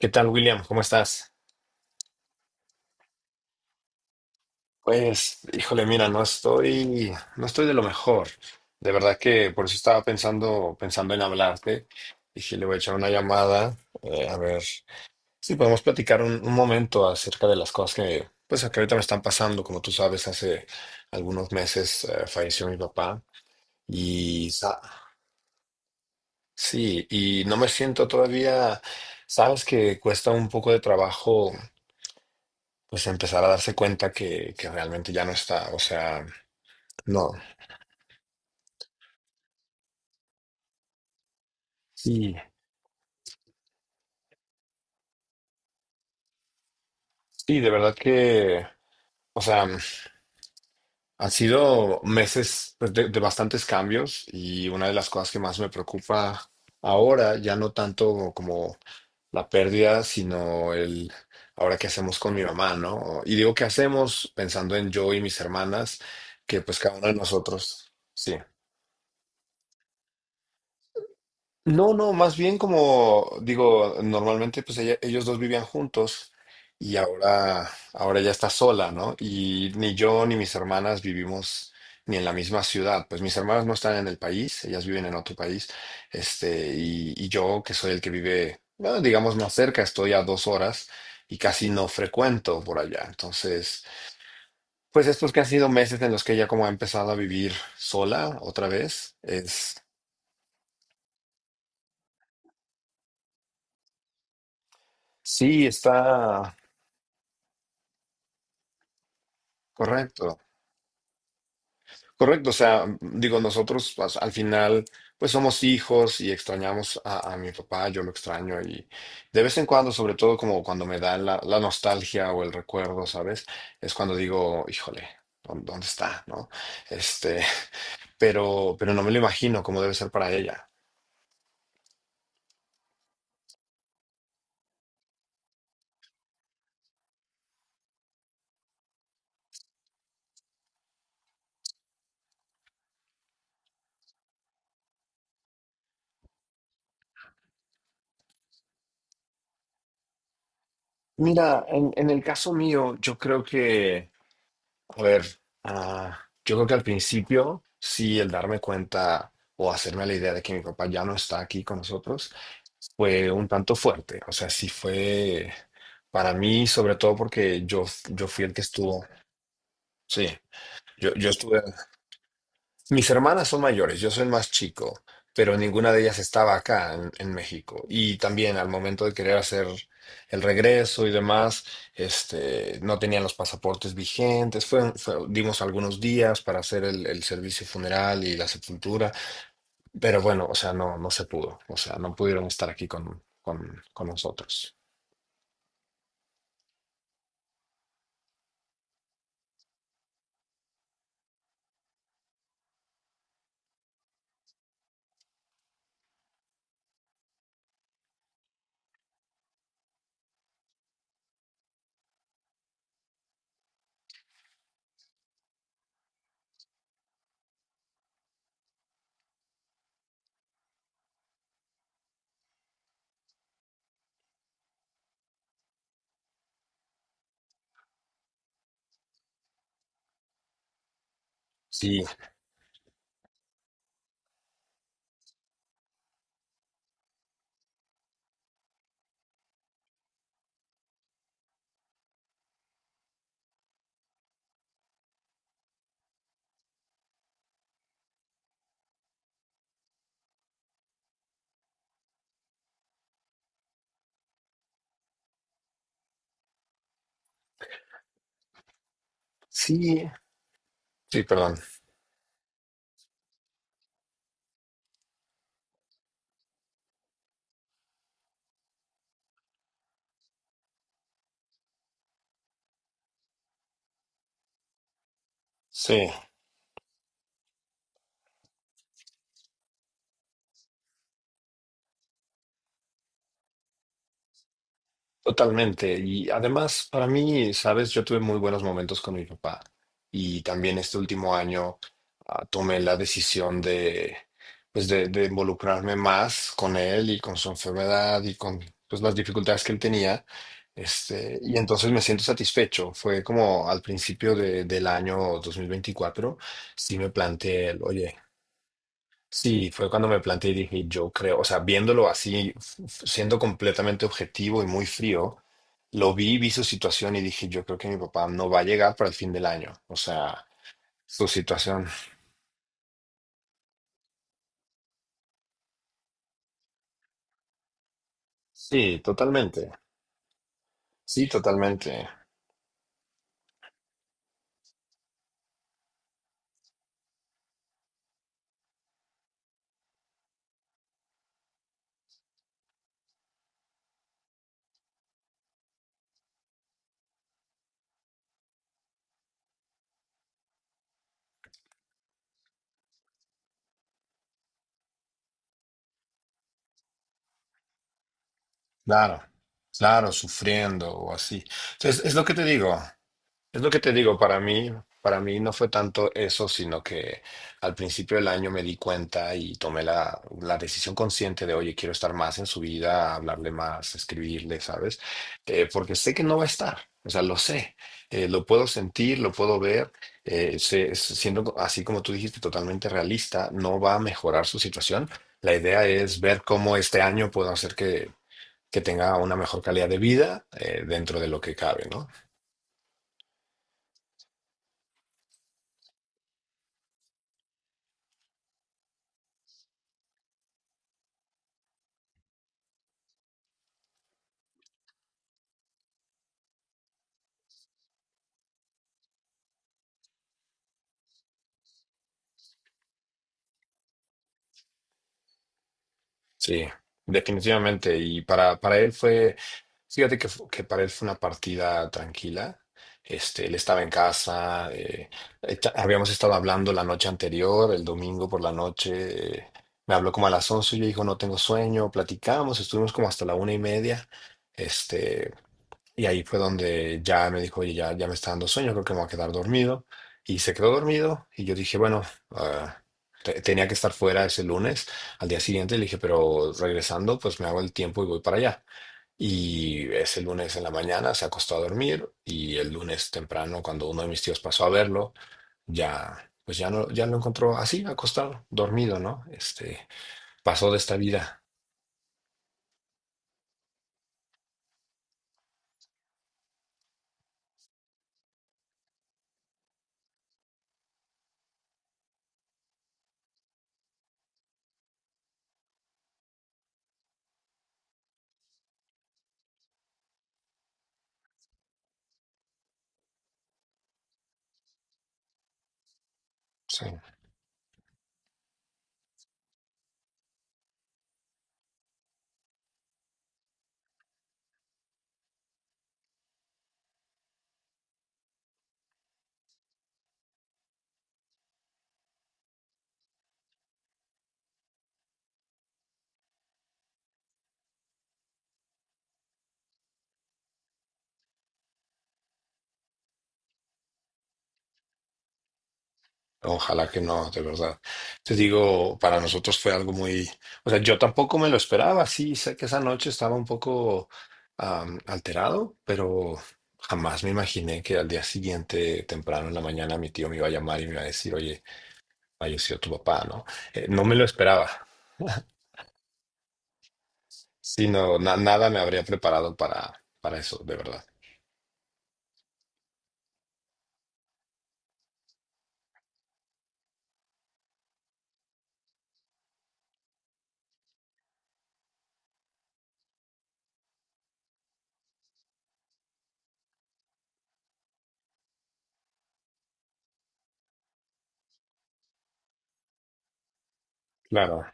¿Qué tal, William? ¿Cómo estás? Pues, híjole, mira, no estoy de lo mejor. De verdad que por eso estaba pensando en hablarte. Dije, le voy a echar una llamada, a ver si podemos platicar un momento acerca de las cosas que, pues, que ahorita me están pasando. Como tú sabes, hace algunos meses falleció mi papá y sa- sí, y no me siento todavía, sabes que cuesta un poco de trabajo pues empezar a darse cuenta que realmente ya no está. O sea, no. Sí, sí, de verdad que, o sea, han sido meses pues, de bastantes cambios y una de las cosas que más me preocupa ahora, ya no tanto como la pérdida, sino el ahora qué hacemos con mi mamá, ¿no? Y digo qué hacemos pensando en yo y mis hermanas, que pues cada uno de nosotros, sí. No, no, más bien como digo, normalmente pues ellos dos vivían juntos y ahora ya está sola, ¿no? Y ni yo ni mis hermanas vivimos ni en la misma ciudad. Pues mis hermanas no están en el país, ellas viven en otro país. Este, y yo, que soy el que vive, bueno, digamos, más cerca, estoy a dos horas y casi no frecuento por allá. Entonces, pues estos que han sido meses en los que ella como ha empezado a vivir sola otra vez, es, sí, está correcto. Correcto, o sea, digo, nosotros pues, al final, pues somos hijos y extrañamos a mi papá, yo lo extraño y de vez en cuando, sobre todo como cuando me da la nostalgia o el recuerdo, ¿sabes? Es cuando digo, híjole, ¿dónde está? ¿No? Este, pero no me lo imagino cómo debe ser para ella. Mira, en el caso mío, yo creo que a ver, ah, yo creo que al principio sí el darme cuenta o hacerme la idea de que mi papá ya no está aquí con nosotros fue un tanto fuerte. O sea, sí fue para mí, sobre todo porque yo fui el que estuvo. Sí, yo estuve mis hermanas son mayores, yo soy el más chico, pero ninguna de ellas estaba acá en México. Y también al momento de querer hacer el regreso y demás, este, no tenían los pasaportes vigentes. Dimos algunos días para hacer el servicio funeral y la sepultura, pero bueno, o sea, no, no se pudo. O sea, no pudieron estar aquí con nosotros. Sí, sí, sí, perdón. Sí. Totalmente. Y además, para mí, sabes, yo tuve muy buenos momentos con mi papá. Y también este último año tomé la decisión de, pues de involucrarme más con él y con su enfermedad y con pues, las dificultades que él tenía. Este, y entonces me siento satisfecho. Fue como al principio del año 2024, sí me planteé, el, oye, sí, fue cuando me planteé y dije, yo creo, o sea, viéndolo así, siendo completamente objetivo y muy frío, lo vi, vi su situación y dije, yo creo que mi papá no va a llegar para el fin del año. O sea, su situación. Sí, totalmente. Sí, totalmente. Claro, claro, sufriendo o así. Entonces, es lo que te digo. Es lo que te digo, para mí no fue tanto eso, sino que al principio del año me di cuenta y tomé la decisión consciente de, oye, quiero estar más en su vida, hablarle más, escribirle, ¿sabes? Porque sé que no va a estar, o sea, lo sé, lo puedo sentir, lo puedo ver, siendo así como tú dijiste, totalmente realista, no va a mejorar su situación. La idea es ver cómo este año puedo hacer que tenga una mejor calidad de vida, dentro de lo que cabe, ¿no? Sí, definitivamente. Y para él fue, que para él fue una partida tranquila. Este, él estaba en casa, habíamos estado hablando la noche anterior, el domingo por la noche. Me habló como a las 11 y yo dijo, no tengo sueño, platicamos, estuvimos como hasta la una y media. Este, y ahí fue donde ya me dijo, oye, ya me está dando sueño, creo que me voy a quedar dormido. Y se quedó dormido y yo dije, bueno, ah, tenía que estar fuera ese lunes. Al día siguiente le dije, pero regresando, pues me hago el tiempo y voy para allá. Y ese lunes en la mañana se acostó a dormir y el lunes temprano, cuando uno de mis tíos pasó a verlo, ya, pues ya no, ya lo encontró así, acostado, dormido, ¿no? Este, pasó de esta vida. Sí. Ojalá que no, de verdad. Te digo, para nosotros fue algo muy, o sea, yo tampoco me lo esperaba. Sí, sé que esa noche estaba un poco alterado, pero jamás me imaginé que al día siguiente, temprano en la mañana, mi tío me iba a llamar y me iba a decir, oye, falleció tu papá, ¿no? No me lo esperaba, sino nada me habría preparado para eso, de verdad. Claro,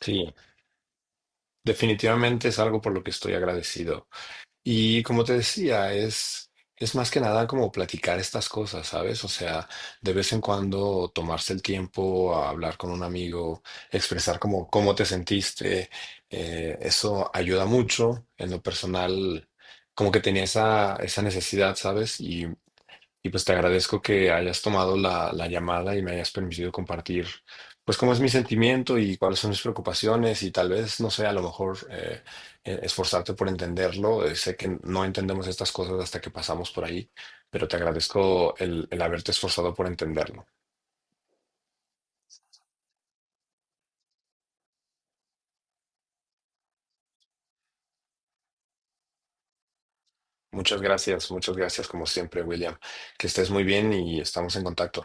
sí, definitivamente es algo por lo que estoy agradecido. Y como te decía, es más que nada como platicar estas cosas, ¿sabes? O sea, de vez en cuando tomarse el tiempo a hablar con un amigo, expresar como cómo te sentiste, eso ayuda mucho en lo personal, como que tenía esa, esa necesidad, ¿sabes? Y y pues te agradezco que hayas tomado la llamada y me hayas permitido compartir, pues cómo es mi sentimiento y cuáles son mis preocupaciones y tal vez, no sé, a lo mejor esforzarte por entenderlo. Sé que no entendemos estas cosas hasta que pasamos por ahí, pero te agradezco el haberte esforzado por entenderlo. Muchas gracias como siempre, William. Que estés muy bien y estamos en contacto.